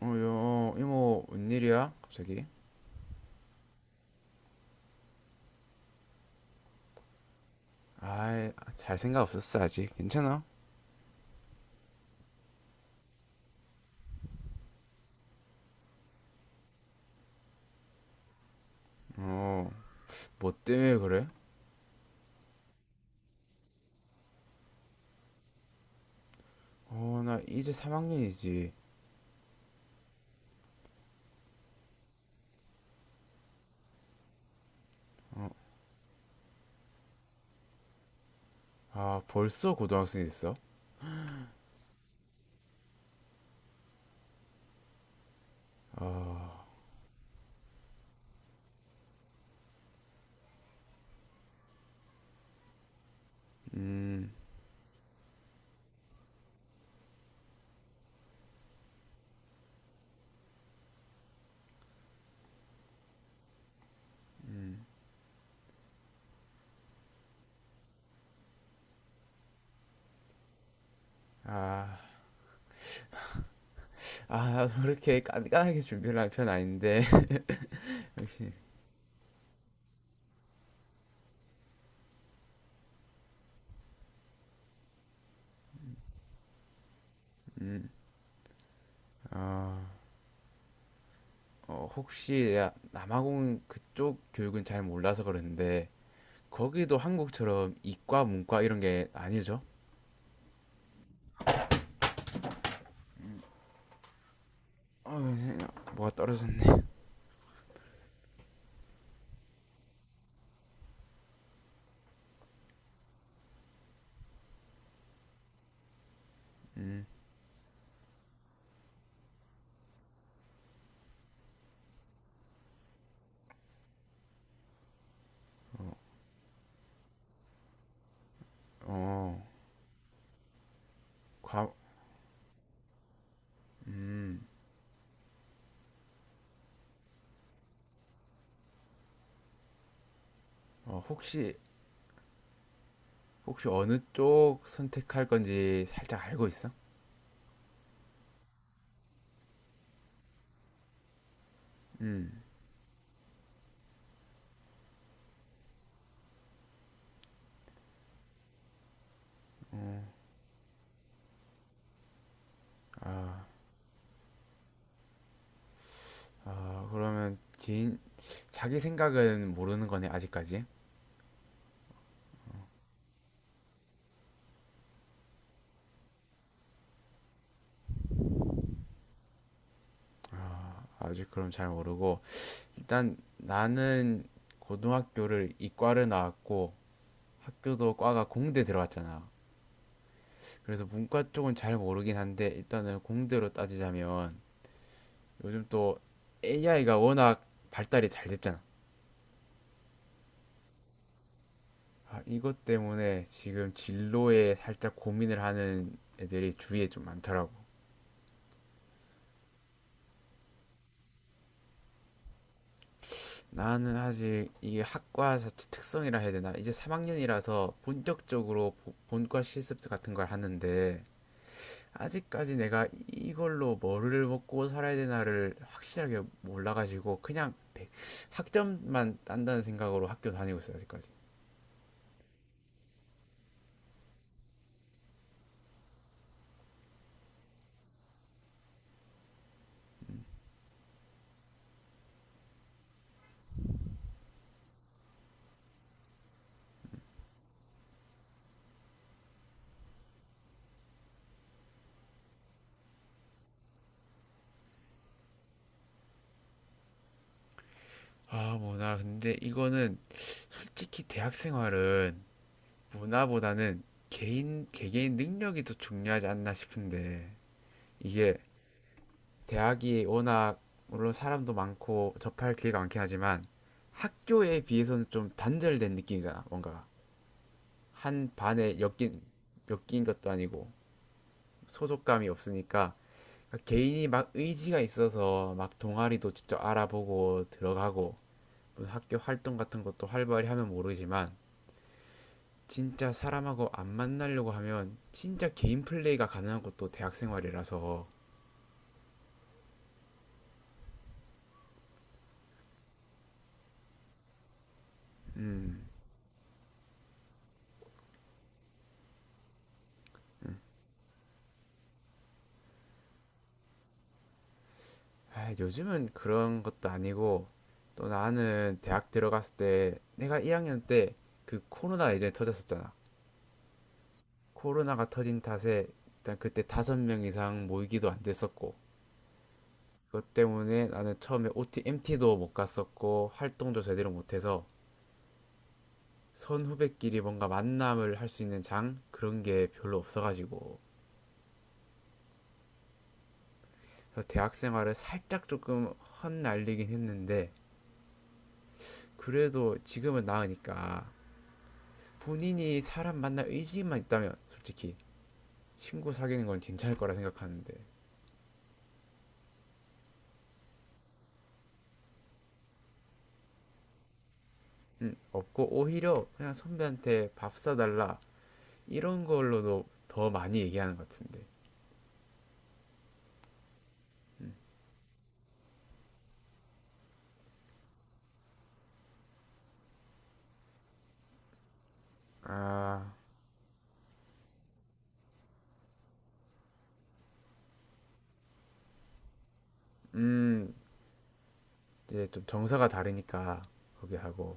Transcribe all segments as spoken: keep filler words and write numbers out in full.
어, 여, 이모, 웬일이야? 갑자기? 아이, 잘 생각 없었어, 아직. 괜찮아? 어, 뭐 때문에 그래? 어, 나 이제 삼 학년이지. 아, 벌써 고등학생이 됐어? 음, 아, 아, 나도 그렇게 깐깐하게 준비를 한 편 아닌데. 역시, 아, 어, 혹시, 야, 남아공 그쪽 교육은 잘 몰라서 그러는데, 거기도 한국처럼 이과, 문과 이런 게 아니죠? 아, 뭐가 떨어졌네. 어, 과, 어, 혹시 혹시 어느 쪽 선택할 건지 살짝 알고 있어? 음, 아, 그러면 개인 자기 생각은 모르는 거네 아직까지. 아직 그럼 잘 모르고 일단 나는 고등학교를 이과를 나왔고 학교도 과가 공대 들어갔잖아. 그래서 문과 쪽은 잘 모르긴 한데 일단은 공대로 따지자면 요즘 또 에이아이가 워낙 발달이 잘 됐잖아. 아, 이것 때문에 지금 진로에 살짝 고민을 하는 애들이 주위에 좀 많더라고. 나는 아직 이게 학과 자체 특성이라 해야 되나? 이제 삼 학년이라서 본격적으로 보- 본과 실습 같은 걸 하는데 아직까지 내가 이걸로 뭐를 먹고 살아야 되나를 확실하게 몰라가지고 그냥 백- 학점만 딴다는 생각으로 학교 다니고 있어 아직까지. 아, 뭐, 나 근데 이거는 솔직히 대학 생활은 문화보다는 개인, 개개인 능력이 더 중요하지 않나 싶은데, 이게 대학이 워낙, 물론 사람도 많고 접할 기회가 많긴 하지만, 학교에 비해서는 좀 단절된 느낌이잖아, 뭔가 한 반에 엮인, 엮인 것도 아니고, 소속감이 없으니까, 그러니까 개인이 막 의지가 있어서 막 동아리도 직접 알아보고 들어가고, 무슨 학교 활동 같은 것도 활발히 하면 모르지만, 진짜 사람하고 안 만나려고 하면 진짜 개인 플레이가 가능한 것도 대학 생활이라서. 아, 요즘은 그런 것도 아니고 또 나는 대학 들어갔을 때 내가 일 학년 때 그 코로나 예전에 터졌었잖아. 코로나가 터진 탓에 일단 그때 다섯 명 이상 모이기도 안 됐었고 그것 때문에 나는 처음에 오티, 엠티도 못 갔었고 활동도 제대로 못해서 선후배끼리 뭔가 만남을 할 수 있는 장 그런 게 별로 없어가지고 그래서 대학 생활을 살짝 조금 헛날리긴 했는데 그래도 지금은 나으니까 본인이 사람 만날 의지만 있다면 솔직히 친구 사귀는 건 괜찮을 거라 생각하는데. 음, 없고 오히려 그냥 선배한테 밥 사달라 이런 걸로도 더 많이 얘기하는 것 같은데. 아, 음, 이제 좀 정서가 다르니까 거기 하고.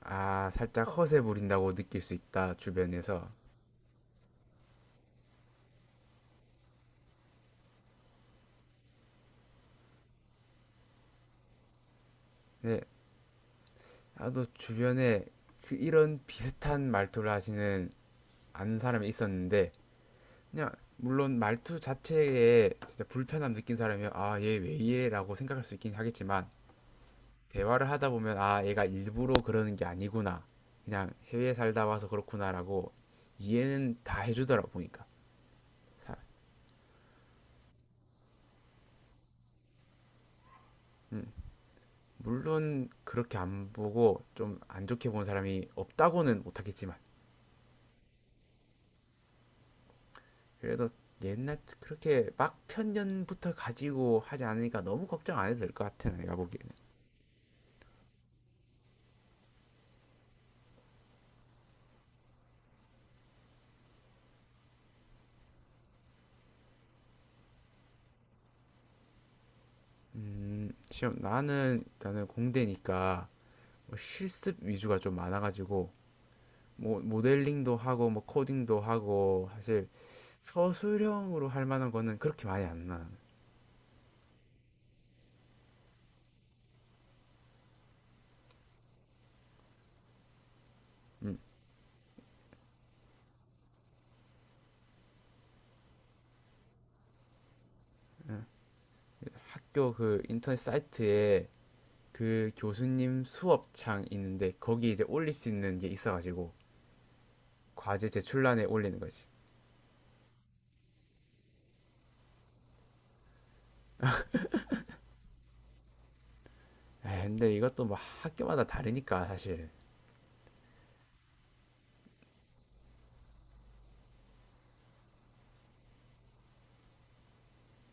아 살짝 허세 부린다고 느낄 수 있다 주변에서. 근데 나도 주변에 그 이런 비슷한 말투를 하시는 아는 사람이 있었는데 그냥 물론 말투 자체에 진짜 불편함 느낀 사람이면 아, 얘 왜 이래라고 생각할 수 있긴 하겠지만 대화를 하다 보면 아, 얘가 일부러 그러는 게 아니구나. 그냥 해외에 살다 와서 그렇구나라고 이해는 다 해주더라 보니까. 물론 그렇게 안 보고 좀 안 좋게 본 사람이 없다고는 못하겠지만 그래도 옛날 그렇게 막 편견부터 가지고 하지 않으니까 너무 걱정 안 해도 될 것 같아 내가 보기에. 시험 나는 나는 공대니까 뭐 실습 위주가 좀 많아가지고 뭐 모델링도 하고 뭐 코딩도 하고 사실 서술형으로 할 만한 거는 그렇게 많이 안 나. 학교 그 인터넷 사이트에 그 교수님 수업창 있는데 거기 이제 올릴 수 있는 게 있어가지고 과제 제출란에 올리는 거지. 에 근데 이것도 뭐 학교마다 다르니까 사실.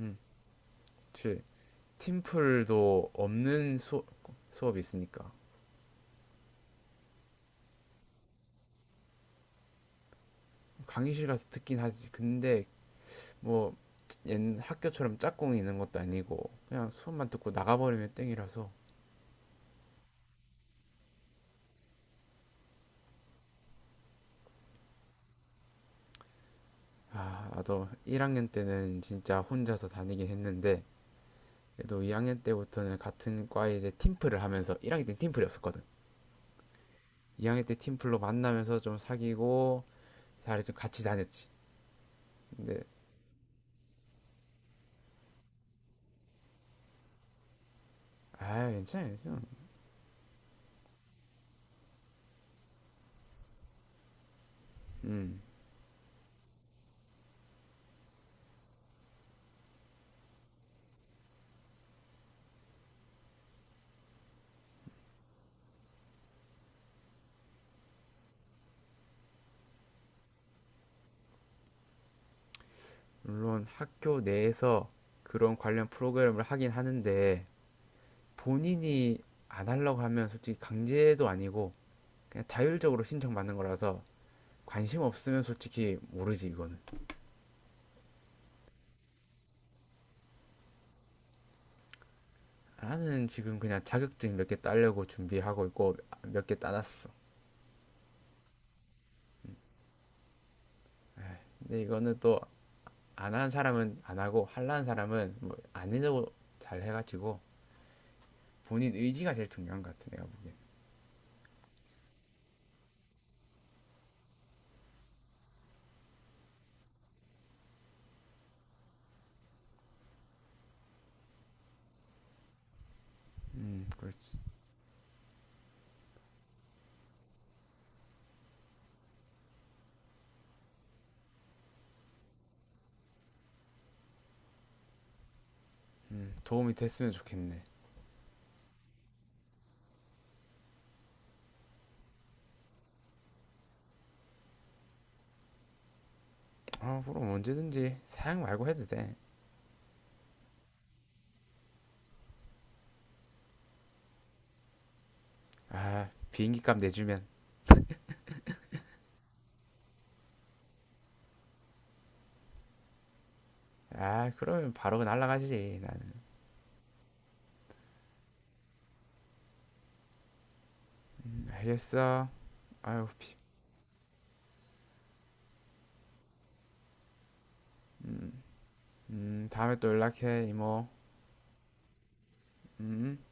음, 그치. 팀플도 없는 수, 수업이 있으니까. 강의실 가서 듣긴 하지. 근데 뭐 옛 학교처럼 짝꿍이 있는 것도 아니고 그냥 수업만 듣고 나가버리면 땡이라서. 아 나도 일 학년 때는 진짜 혼자서 다니긴 했는데 그래도 이 학년 때부터는 같은 과에 이제 팀플을 하면서 일 학년 때 팀플이 없었거든. 이 학년 때 팀플로 만나면서 좀 사귀고 다리 좀 같이 다녔지. 근데. 아 괜찮아요. 괜찮아. 음 물론 학교 내에서 그런 관련 프로그램을 하긴 하는데 본인이 안 하려고 하면 솔직히 강제도 아니고 그냥 자율적으로 신청받는 거라서 관심 없으면 솔직히 모르지 이거는. 나는 지금 그냥 자격증 몇 개 따려고 준비하고 있고 몇 개 따놨어. 근데 이거는 또 안 하는 사람은 안 하고 할라는 사람은 뭐 안 해도 잘 해가지고 본인 의지가 제일 중요한 것 같아 내가 보기엔. 음 그렇지. 음 도움이 됐으면 좋겠네. 아 그럼 언제든지 사양 말고 해도 돼. 아 비행기 값 내주면. 아, 그러면 바로 그 날라가지. 나는 알겠어. 아유, 피. 음, 다음에 또 연락해, 이모. 음.